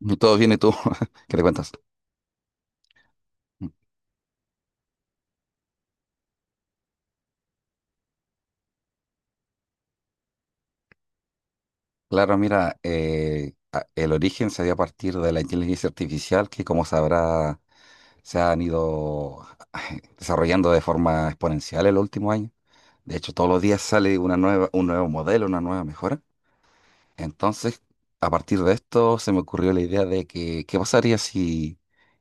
No, todo bien, ¿y tú? ¿Qué le cuentas? Mm. Claro, mira, el origen se dio a partir de la inteligencia artificial que, como sabrá, se han ido desarrollando de forma exponencial en los últimos años. De hecho, todos los días sale una nueva, un nuevo modelo, una nueva mejora. Entonces, a partir de esto, se me ocurrió la idea de que, ¿qué pasaría si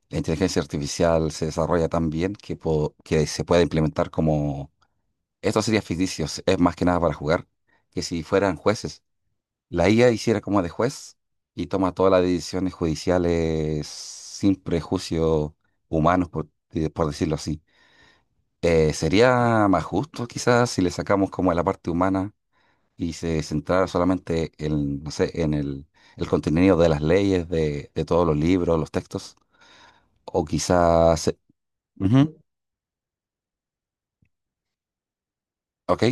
la inteligencia artificial se desarrolla tan bien que, que se pueda implementar como... esto sería ficticio, es más que nada para jugar, que si fueran jueces? La IA hiciera como de juez y toma todas las decisiones judiciales sin prejuicios humanos, por decirlo así. Sería más justo quizás si le sacamos como la parte humana y se centrara solamente en, no sé, en el contenido de las leyes, de todos los libros, los textos, o quizás... Ujú. Ok.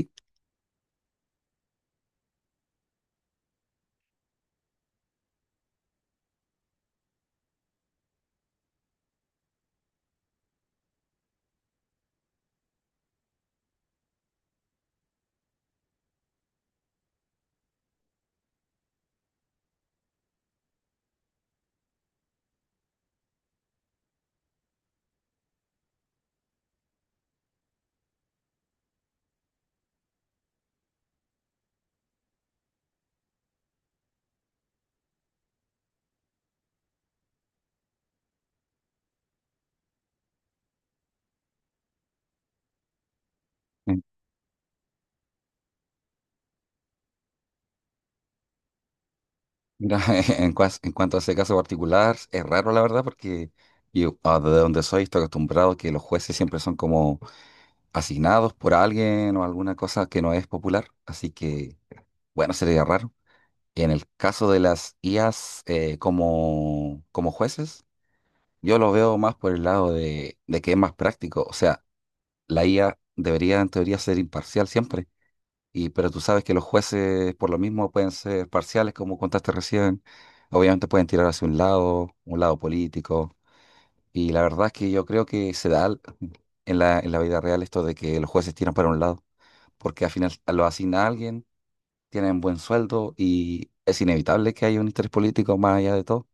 En- Mira, en cuanto a ese caso particular, es raro la verdad porque yo, de donde soy estoy acostumbrado que los jueces siempre son como asignados por alguien o alguna cosa que no es popular, así que, bueno, sería raro. En el caso de las IAs como, como jueces, yo lo veo más por el lado de que es más práctico, o sea, la IA debería en teoría ser imparcial siempre, y, pero tú sabes que los jueces por lo mismo pueden ser parciales, como contaste recién. Obviamente pueden tirar hacia un lado político, y la verdad es que yo creo que en la vida real esto de que los jueces tiran para un lado porque al final lo asigna a alguien, tienen buen sueldo y es inevitable que haya un interés político más allá de todo.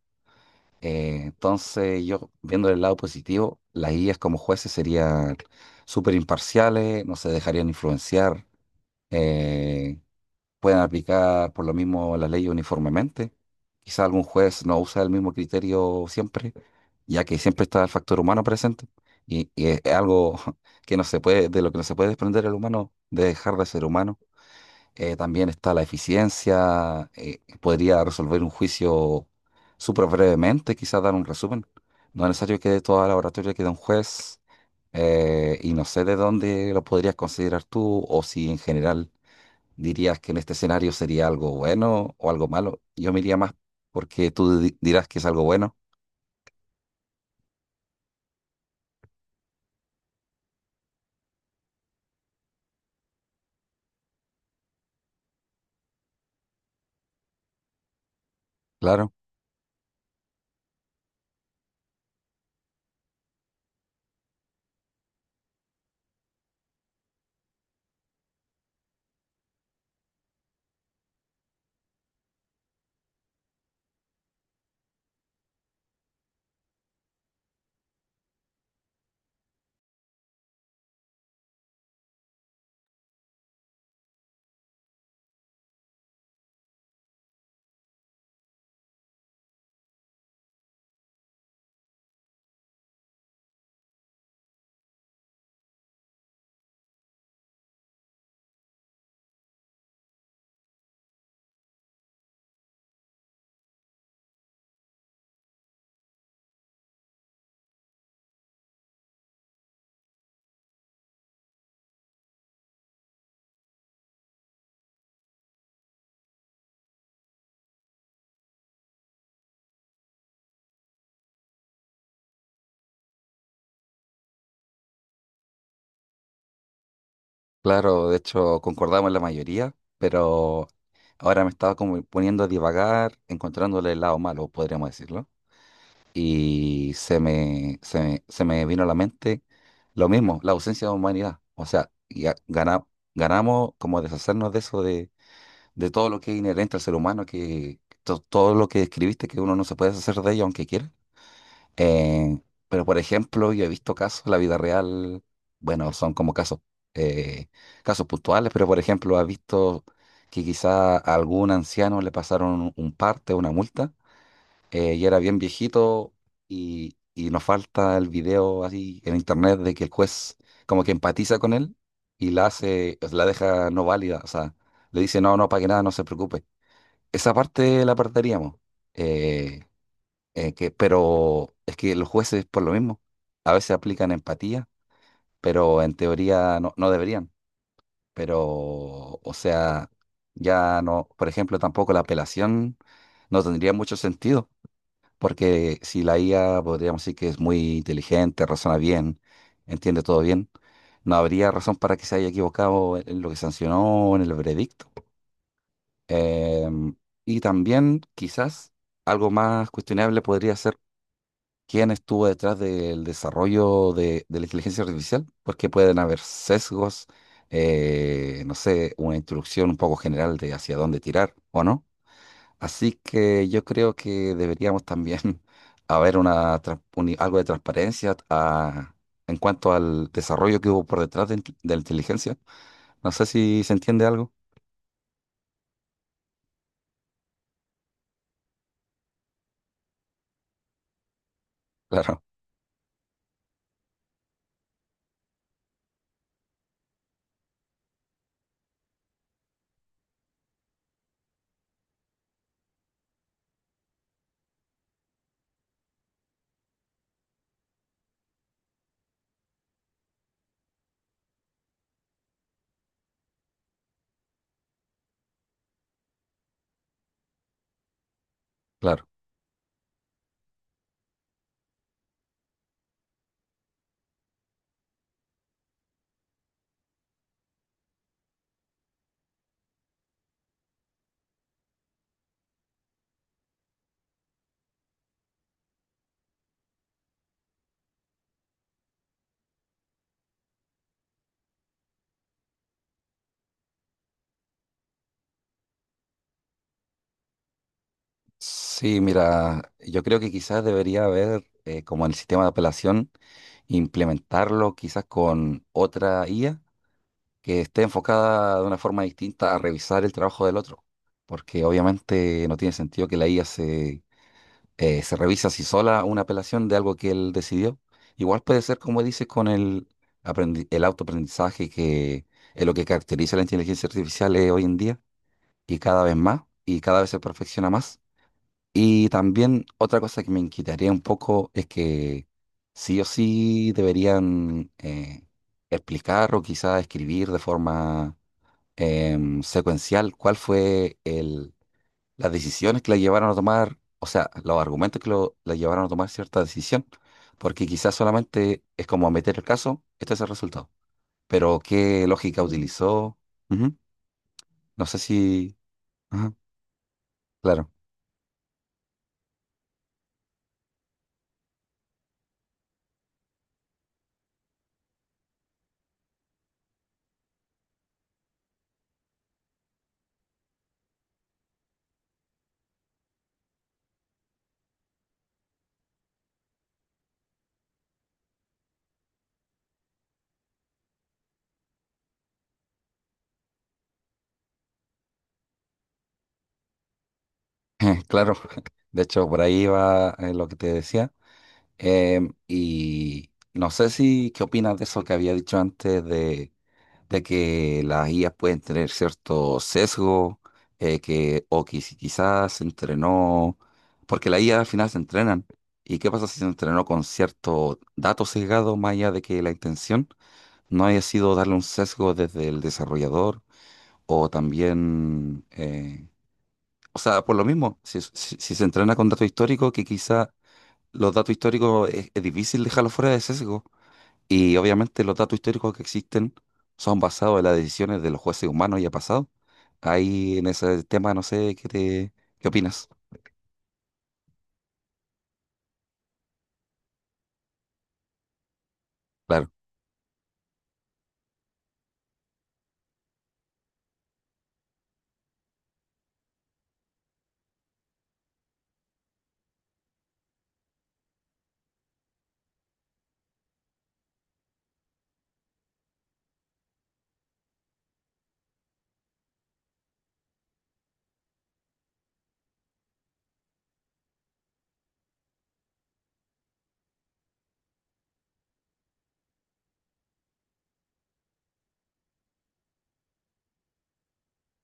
Entonces, yo viendo el lado positivo, las guías como jueces serían súper imparciales, no se dejarían influenciar, eh, pueden aplicar por lo mismo la ley uniformemente. Quizá algún juez no usa el mismo criterio siempre, ya que siempre está el factor humano presente. Y es algo que no se puede, de lo que no se puede desprender el humano, de dejar de ser humano. También está la eficiencia. Podría resolver un juicio súper brevemente, quizás dar un resumen. No es necesario que dé toda la oratoria que da un juez. Y no sé de dónde lo podrías considerar tú o si en general dirías que en este escenario sería algo bueno o algo malo. Yo me iría más porque tú dirás que es algo bueno. Claro, claro. De hecho, concordamos en la mayoría, pero ahora me estaba como poniendo a divagar, encontrándole el lado malo, podríamos decirlo. Y se me vino a la mente lo mismo, la ausencia de humanidad. O sea, ganamos como deshacernos de eso, de todo lo que es inherente al ser humano, que todo lo que describiste, que uno no se puede deshacer de ello aunque quiera. Eh, pero, por ejemplo, yo he visto casos, en la vida real, bueno, son como casos, eh, casos puntuales, pero, por ejemplo, has visto que quizá a algún anciano le pasaron un parte, una multa, ya era bien viejito, y nos falta el video así en internet de que el juez como que empatiza con él y la hace, la deja no válida. O sea, le dice no, no pague nada, no se preocupe. Esa parte la perderíamos. eh, que, pero es que los jueces por lo mismo, a veces aplican empatía, pero en teoría no, no deberían, pero o sea, ya no, por ejemplo, tampoco la apelación no tendría mucho sentido porque si la IA podríamos decir que es muy inteligente, razona bien, entiende todo bien, no habría razón para que se haya equivocado en lo que sancionó, o en el veredicto. Em, y también quizás algo más cuestionable podría ser quién estuvo detrás del desarrollo de la inteligencia artificial, porque pueden haber sesgos, no sé, una instrucción un poco general de hacia dónde tirar, ¿o no? Así que yo creo que deberíamos también haber una, algo de transparencia en cuanto al desarrollo que hubo por detrás de, de la inteligencia. No sé si se entiende algo. Claro, claro. Sí, mira, yo creo que quizás debería haber, como en el sistema de apelación, implementarlo quizás con otra IA que esté enfocada de una forma distinta a revisar el trabajo del otro. Porque obviamente no tiene sentido que la IA se revisa si sola una apelación de algo que él decidió. Igual puede ser, como dices, con el, el autoaprendizaje, que es lo que caracteriza la inteligencia artificial hoy en día, y cada vez más, y cada vez se perfecciona más. Y también otra cosa que me inquietaría un poco es que sí o sí deberían explicar o quizá escribir de forma secuencial cuál fue las decisiones que la llevaron a tomar, o sea, los argumentos que lo, la llevaron a tomar cierta decisión, porque quizás solamente es como meter el caso, este es el resultado. Pero qué lógica utilizó. Ujú. No sé si... Ajá, claro, claro. De hecho, por ahí va lo que te decía. Y no sé si, ¿qué opinas de eso que había dicho antes de que las IAs pueden tener cierto sesgo, que, o que si quizás se entrenó, porque la IA al final se entrenan? ¿Y qué pasa si se entrenó con cierto dato sesgado, más allá de que la intención no haya sido darle un sesgo desde el desarrollador o también, o sea, por lo mismo, si, si se entrena con datos históricos que quizá los datos históricos es difícil dejarlos fuera de sesgo? Y obviamente los datos históricos que existen son basados en las decisiones de los jueces humanos ya pasados. Ahí en ese tema no sé qué te, qué opinas. Claro,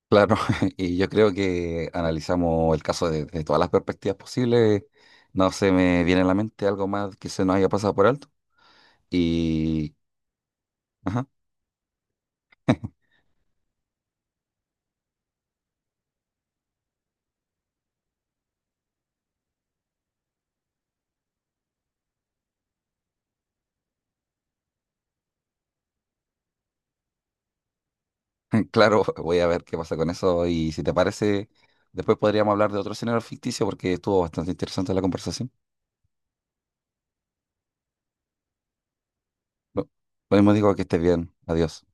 claro. Y yo creo que analizamos el caso de todas las perspectivas posibles. No se me viene a la mente algo más que se nos haya pasado por alto. Y, ajá, claro, voy a ver qué pasa con eso. Y si te parece, después podríamos hablar de otro escenario ficticio porque estuvo bastante interesante la conversación. Lo lo mismo digo, que estés bien. Adiós.